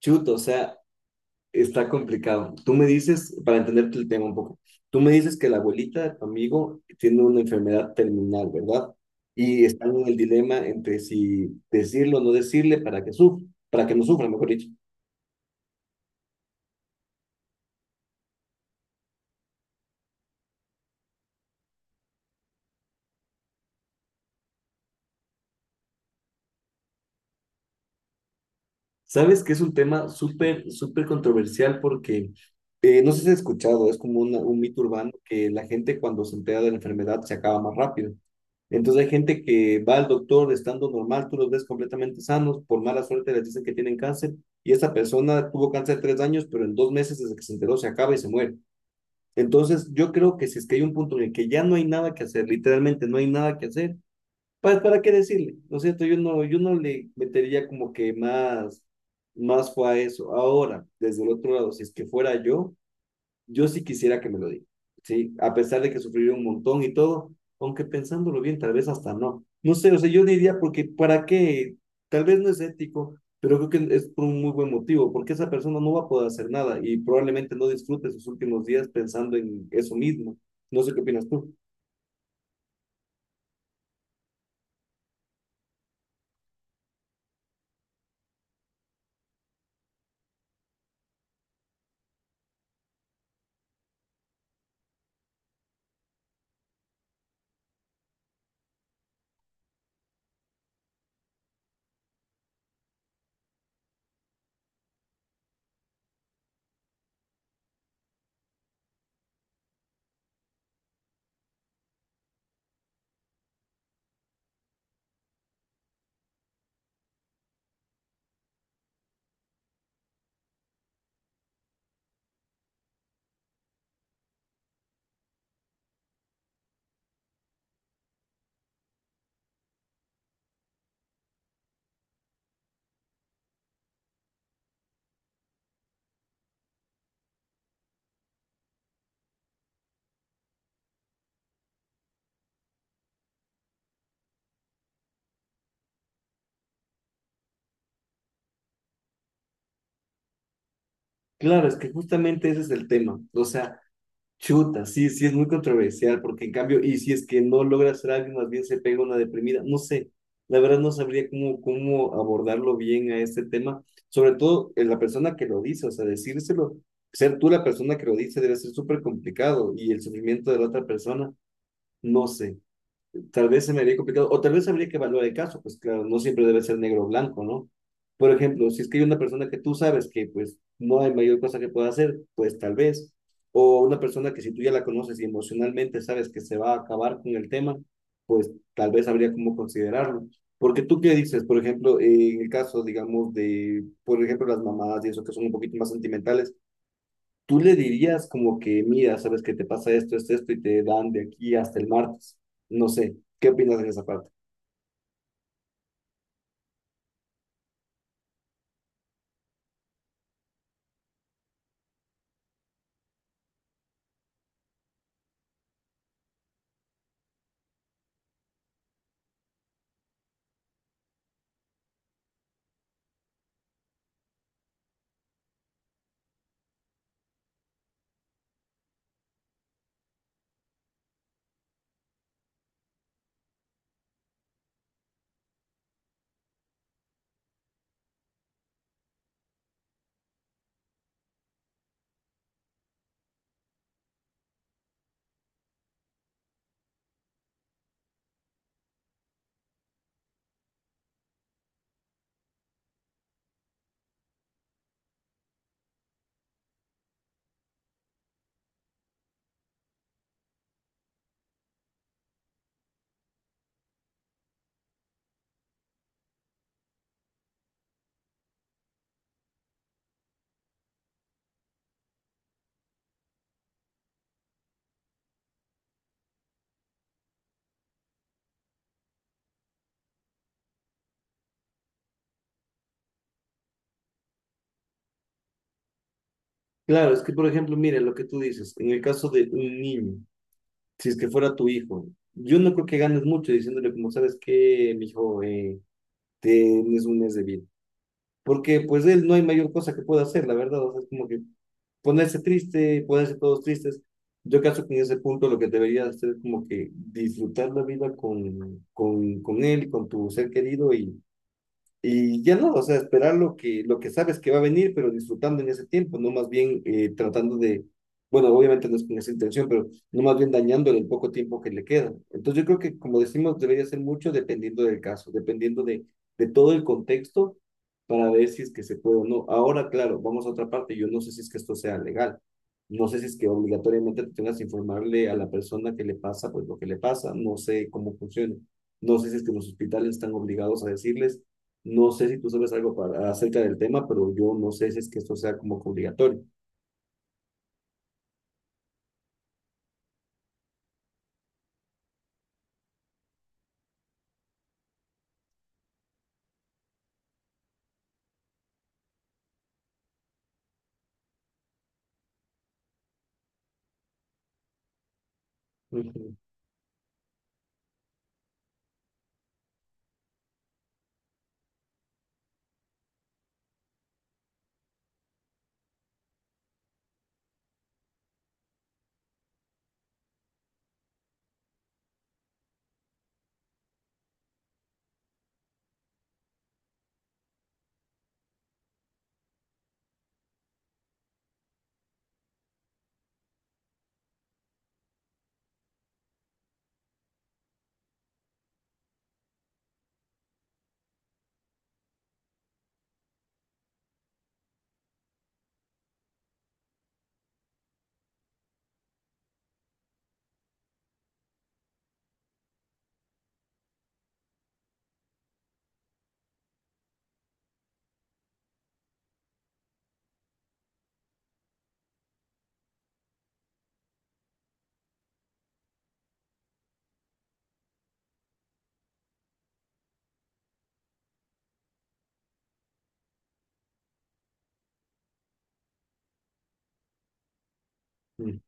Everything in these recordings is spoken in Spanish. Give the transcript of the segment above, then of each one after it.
Chuto, o sea, está complicado. Tú me dices, para entenderte el tema un poco, tú me dices que la abuelita de tu amigo tiene una enfermedad terminal, ¿verdad? Y están en el dilema entre si decirlo o no decirle para que sufra, para que no sufra, mejor dicho. Sabes que es un tema súper, súper controversial porque no sé si has escuchado, es como un mito urbano que la gente cuando se entera de la enfermedad se acaba más rápido. Entonces hay gente que va al doctor estando normal, tú los ves completamente sanos, por mala suerte les dicen que tienen cáncer y esa persona tuvo cáncer 3 años, pero en 2 meses desde que se enteró se acaba y se muere. Entonces yo creo que si es que hay un punto en el que ya no hay nada que hacer, literalmente no hay nada que hacer, pues ¿para qué decirle? ¿No es cierto? Yo no le metería como que más, más fue a eso. Ahora, desde el otro lado, si es que fuera yo, yo sí quisiera que me lo diga, ¿sí? A pesar de que sufrí un montón y todo, aunque pensándolo bien, tal vez hasta no. No sé, o sea, yo diría porque, ¿para qué? Tal vez no es ético, pero creo que es por un muy buen motivo, porque esa persona no va a poder hacer nada y probablemente no disfrute sus últimos días pensando en eso mismo. No sé qué opinas tú. Claro, es que justamente ese es el tema. O sea, chuta, sí, sí es muy controversial, porque en cambio, y si es que no logra hacer algo, más bien se pega una deprimida, no sé, la verdad no sabría cómo abordarlo bien a este tema, sobre todo en la persona que lo dice, o sea, decírselo, ser tú la persona que lo dice debe ser súper complicado y el sufrimiento de la otra persona, no sé, tal vez se me haría complicado, o tal vez habría que evaluar el caso, pues claro, no siempre debe ser negro o blanco, ¿no? Por ejemplo, si es que hay una persona que tú sabes que pues no hay mayor cosa que pueda hacer, pues tal vez, o una persona que si tú ya la conoces y emocionalmente sabes que se va a acabar con el tema, pues tal vez habría como considerarlo. Porque tú qué dices, por ejemplo, en el caso, digamos, de, por ejemplo, las mamadas y eso que son un poquito más sentimentales, tú le dirías como que, mira, sabes que te pasa esto, esto, esto, y te dan de aquí hasta el martes. No sé, ¿qué opinas en esa parte? Claro, es que, por ejemplo, mira lo que tú dices, en el caso de un niño, si es que fuera tu hijo, yo no creo que ganes mucho diciéndole como, sabes que, mi hijo, tienes un mes de vida. Porque pues él no hay mayor cosa que pueda hacer, la verdad, o sea, es como que ponerse triste, ponerse todos tristes. Yo caso que en ese punto lo que deberías hacer es como que disfrutar la vida con él, con tu ser querido y ya no, o sea, esperar lo lo que sabes que va a venir, pero disfrutando en ese tiempo, no más bien tratando de, bueno, obviamente no es con esa intención, pero no más bien dañándole el poco tiempo que le queda. Entonces yo creo que, como decimos, debería ser mucho dependiendo del caso, dependiendo de todo el contexto para ver si es que se puede o no. Ahora, claro, vamos a otra parte, yo no sé si es que esto sea legal, no sé si es que obligatoriamente tú tengas que informarle a la persona que le pasa, pues lo que le pasa, no sé cómo funciona, no sé si es que los hospitales están obligados a decirles no sé si tú sabes algo para, acerca del tema, pero yo no sé si es que esto sea como que obligatorio. Ujú, ujú.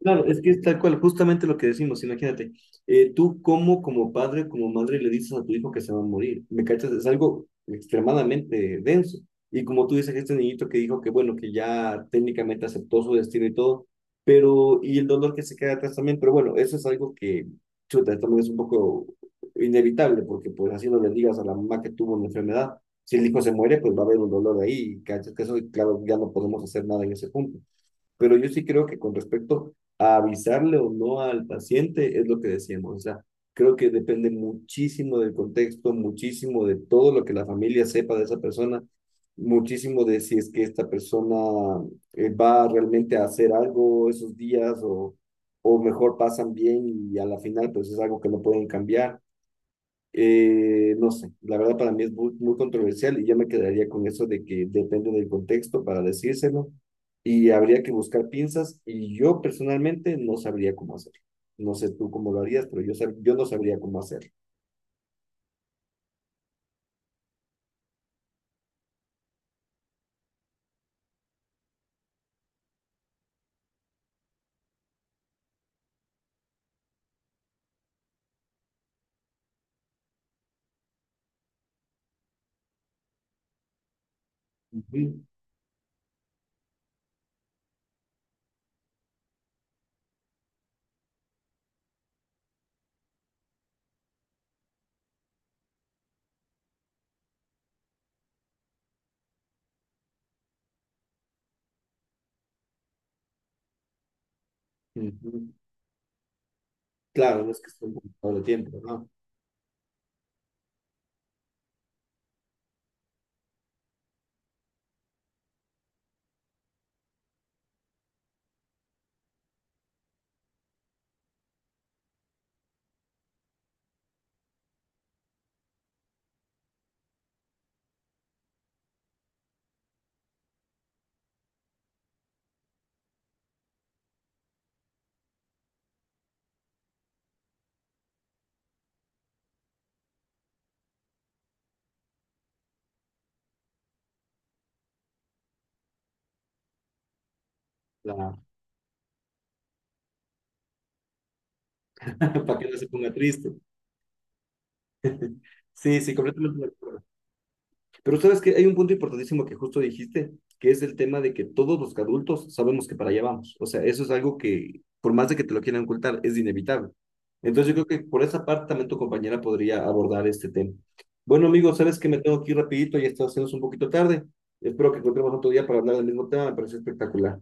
Claro, es que es tal cual, justamente lo que decimos, imagínate, tú como, como padre, como madre le dices a tu hijo que se va a morir, ¿me cachas? Es algo extremadamente denso. Y como tú dices, este niñito que dijo que bueno, que ya técnicamente aceptó su destino y todo, pero, y el dolor que se queda atrás también, pero bueno, eso es algo que, chuta, también es un poco inevitable, porque pues así no le digas a la mamá que tuvo una enfermedad, si el hijo se muere, pues va a haber un dolor ahí, ¿cachas? Que eso, claro, ya no podemos hacer nada en ese punto. Pero yo sí creo que con respecto a avisarle o no al paciente es lo que decíamos. O sea, creo que depende muchísimo del contexto, muchísimo de todo lo que la familia sepa de esa persona, muchísimo de si es que esta persona va realmente a hacer algo esos días o mejor pasan bien y a la final pues es algo que no pueden cambiar. No sé, la verdad para mí es muy, muy controversial y yo me quedaría con eso de que depende del contexto para decírselo y habría que buscar pinzas y yo personalmente no sabría cómo hacerlo. No sé tú cómo lo harías, pero yo, yo no sabría cómo hacerlo. Ujú, ujú. Claro, no es que esté un poquito de tiempo, ¿no? La- para que no se ponga triste. Sí, sí, completamente de acuerdo. Pero sabes que hay un punto importantísimo que justo dijiste, que es el tema de que todos los adultos sabemos que para allá vamos. O sea, eso es algo que, por más de que te lo quieran ocultar, es inevitable. Entonces yo creo que por esa parte también tu compañera podría abordar este tema. Bueno, amigos, sabes que me tengo que ir rapidito, ya está haciéndose un poquito tarde. Espero que encontremos otro día para hablar del mismo tema, me parece espectacular.